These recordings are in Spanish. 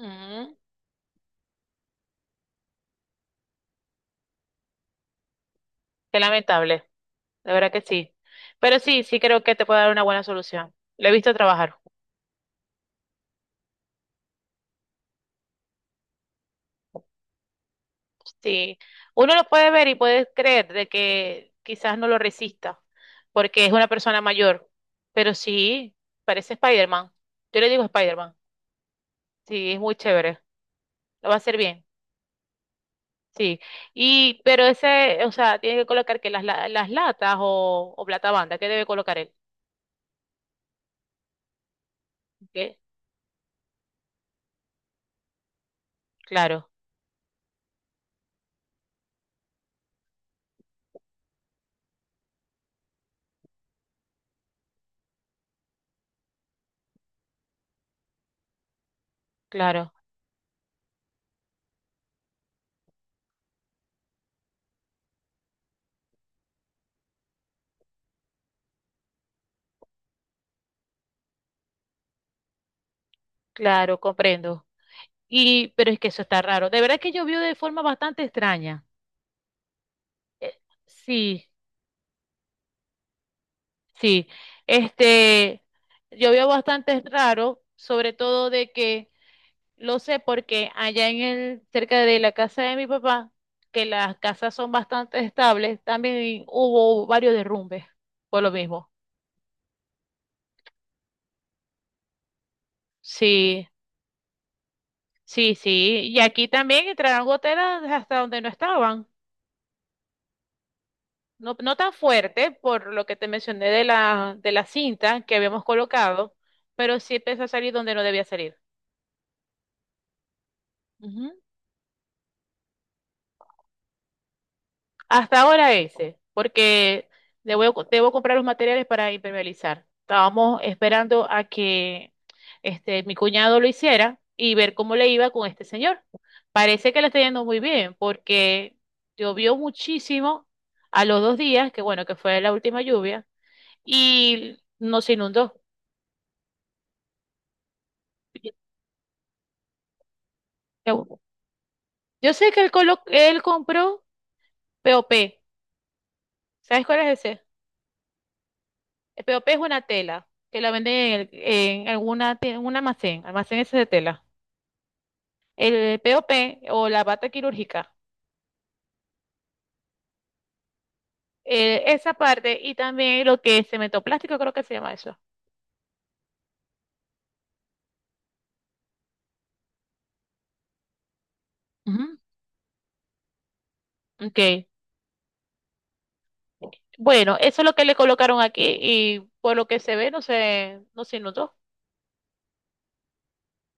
Ujú. Qué lamentable, de verdad que sí. Pero sí, sí creo que te puedo dar una buena solución. Lo he visto trabajar. Sí, uno lo puede ver y puede creer de que quizás no lo resista, porque es una persona mayor, pero sí, parece Spider-Man. Yo le digo Spider-Man, sí, es muy chévere, lo va a hacer bien, sí. Y, pero ese, o sea, tiene que colocar que las, las latas o plata banda, ¿qué debe colocar él? ¿Qué? Claro, claro, claro, comprendo. Y, pero es que eso está raro. De verdad que yo vi de forma bastante extraña. Eh, Sí. Sí, este, yo veo bastante raro, sobre todo de que lo sé porque allá cerca de la casa de mi papá, que las casas son bastante estables, también hubo varios derrumbes por lo mismo. Sí, sí, sí. Y aquí también entraron goteras hasta donde no estaban. No, no tan fuerte por lo que te mencioné de la cinta que habíamos colocado, pero sí empezó a salir donde no debía salir. Hasta ahora ese, porque le voy a co- debo comprar los materiales para impermeabilizar. Estábamos esperando a que este, mi cuñado lo hiciera y ver cómo le iba con este señor. Parece que le está yendo muy bien, porque llovió muchísimo a los dos días, que bueno, que fue la última lluvia, y no se inundó. Yo sé que él compró POP. ¿Sabes cuál es ese? El POP es una tela que la venden en en un almacén ese de tela. El POP o P o la bata quirúrgica, esa parte y también lo que es cemento plástico creo que se llama eso. Ujú. Okay. Bueno, eso es lo que le colocaron aquí y por lo que se ve no se inundó.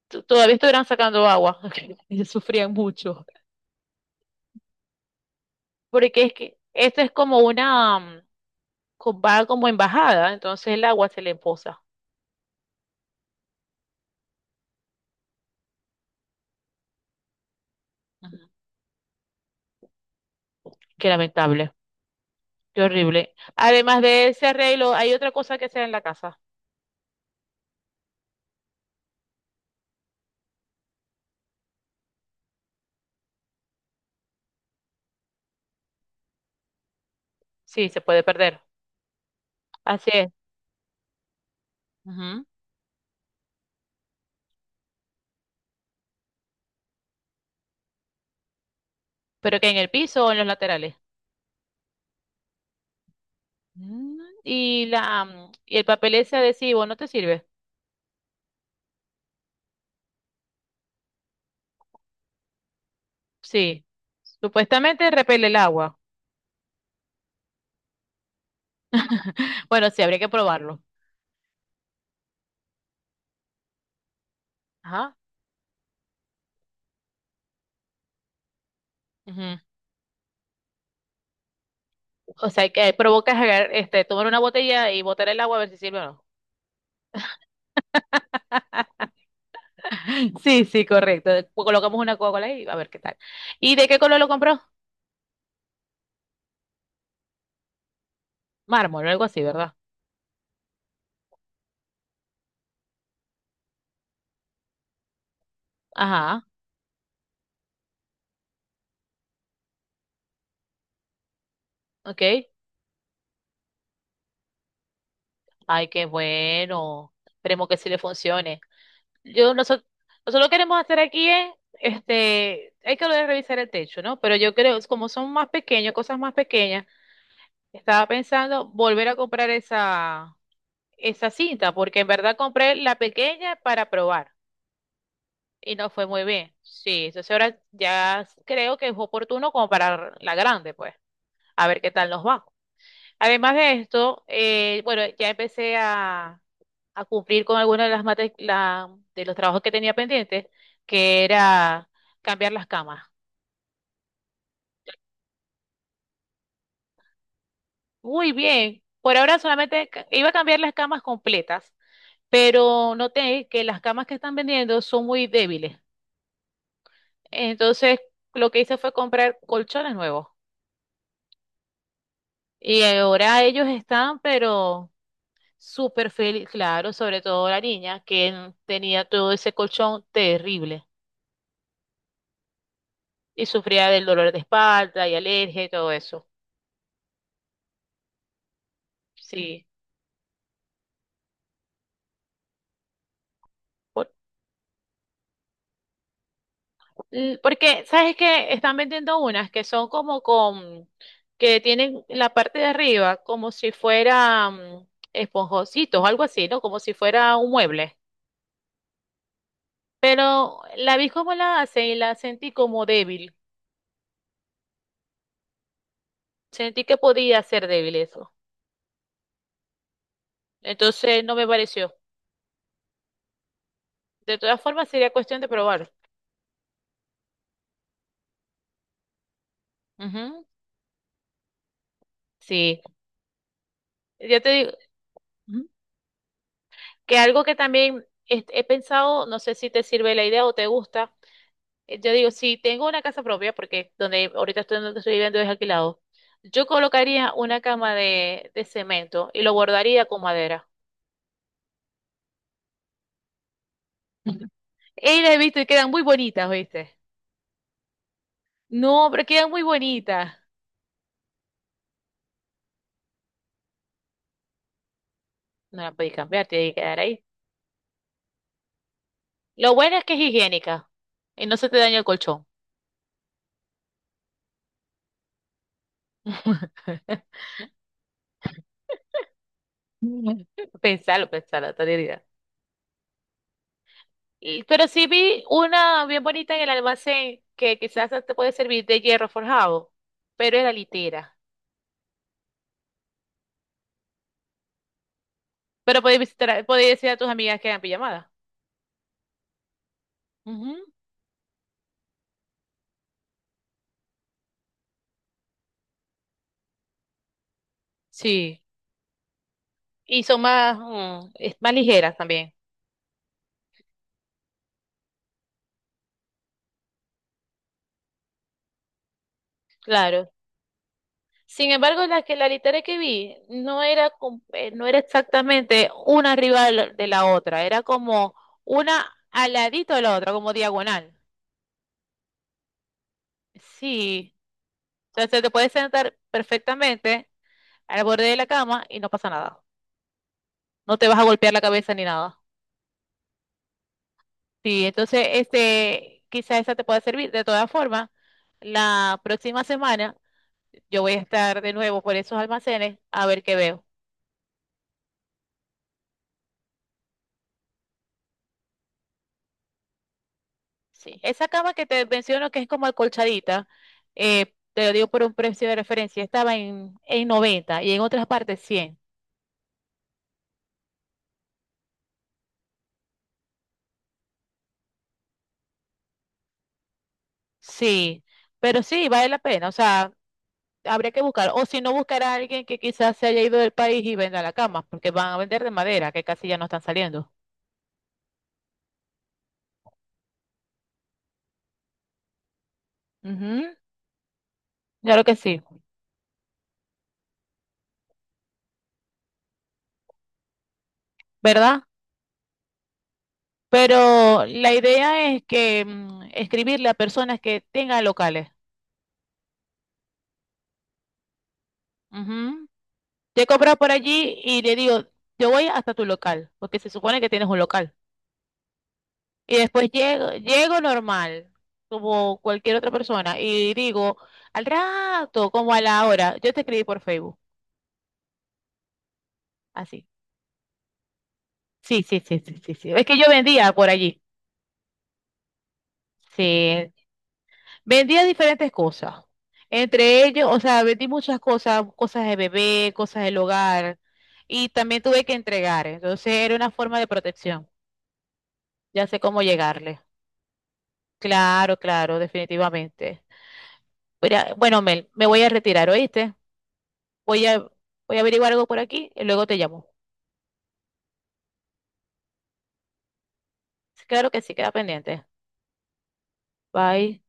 Todavía estuvieran sacando agua. Y sufrían mucho. Porque es que esto es como una, va como embajada, entonces el agua se le empoza. Ujú. Qué lamentable. Qué horrible. Además de ese arreglo, hay otra cosa que sea en la casa. Sí, se puede perder. Así es. Ujú. Pero que en el piso o en los laterales. Y el papel ese adhesivo no te sirve. Sí. Supuestamente repele el agua. Bueno, sí, habría que probarlo. Ajá. Ujú. O sea, que provocas tomar una botella y botar el agua a ver si sirve o no. Sí, sí, correcto. Pues colocamos una Coca-Cola ahí a ver qué tal. ¿Y de qué color lo compró? Mármol, algo así, ¿verdad? Ajá, ok. Ay, qué bueno. Esperemos que sí le funcione. Yo nosotros, nosotros lo que queremos hacer aquí es, este, hay que volver a revisar el techo, ¿no? Pero yo creo, como son más pequeños, cosas más pequeñas, estaba pensando volver a comprar esa cinta, porque en verdad compré la pequeña para probar y no fue muy bien. Sí, entonces ahora ya creo que es oportuno comprar la grande, pues, a ver qué tal nos va. Además de esto, bueno, ya empecé a cumplir con alguna de de los trabajos que tenía pendientes, que era cambiar las camas. Muy bien. Por ahora solamente iba a cambiar las camas completas, pero noté que las camas que están vendiendo son muy débiles. Entonces, lo que hice fue comprar colchones nuevos. Y ahora ellos están, pero súper feliz, claro, sobre todo la niña, que tenía todo ese colchón terrible y sufría del dolor de espalda y alergia y todo eso. Sí. Porque, ¿sabes qué? Están vendiendo unas que son como que tienen la parte de arriba como si fueran esponjositos o algo así, ¿no? Como si fuera un mueble. Pero la vi como la hace y la sentí como débil. Sentí que podía ser débil eso. Entonces no me pareció. De todas formas, sería cuestión de probar. Ujú. Sí. Ya te digo ujú, que algo que también este, he pensado, no sé si te sirve la idea o te gusta, yo digo, si tengo una casa propia, porque donde ahorita estoy, donde estoy viviendo es alquilado, yo colocaría una cama de cemento y lo bordaría con madera. Y las he visto y quedan muy bonitas, ¿viste? No, pero quedan muy bonitas. No la podéis cambiar, tiene que quedar ahí. Lo bueno es que es higiénica y no se te daña el colchón. Pensalo, pensalo, tontería. Pero sí vi una bien bonita en el almacén que quizás te puede servir de hierro forjado, pero era litera. Pero podéis visitar, podéis decir a tus amigas que hagan pijamadas. Ujú. Sí. Y son más, más ligeras también. Claro. Sin embargo, la que la litera que vi no era exactamente una arriba de la otra, era como una al ladito de la otra, como diagonal. Sí. Entonces te puedes sentar perfectamente al borde de la cama y no pasa nada. No te vas a golpear la cabeza ni nada. Sí, entonces, este, quizás esa te pueda servir. De todas formas, la próxima semana yo voy a estar de nuevo por esos almacenes a ver qué veo. Sí, esa cama que te menciono que es como acolchadita, te lo digo por un precio de referencia, estaba en 90 y en otras partes 100. Sí, pero sí, vale la pena, o sea, habría que buscar, o si no, buscar a alguien que quizás se haya ido del país y venda la cama, porque van a vender de madera, que casi ya no están saliendo. Ujú. Claro que sí, ¿verdad? Pero la idea es que escribirle a personas que tengan locales. Ujú. Te compro por allí y le digo, yo voy hasta tu local, porque se supone que tienes un local. Y después llego normal, como cualquier otra persona, y digo, al rato, como a la hora, yo te escribí por Facebook. Así. Sí, sí, sí, sí, sí, sí. Es que yo vendía por allí. Sí, vendía diferentes cosas. Entre ellos, o sea, vendí muchas cosas, cosas de bebé, cosas del hogar, y también tuve que entregar. Entonces era una forma de protección. Ya sé cómo llegarle. Claro, claro, definitivamente. Mira, bueno, Mel, me voy a retirar, ¿oíste? Voy a, voy a averiguar algo por aquí y luego te llamo. Claro que sí, queda pendiente. Bye.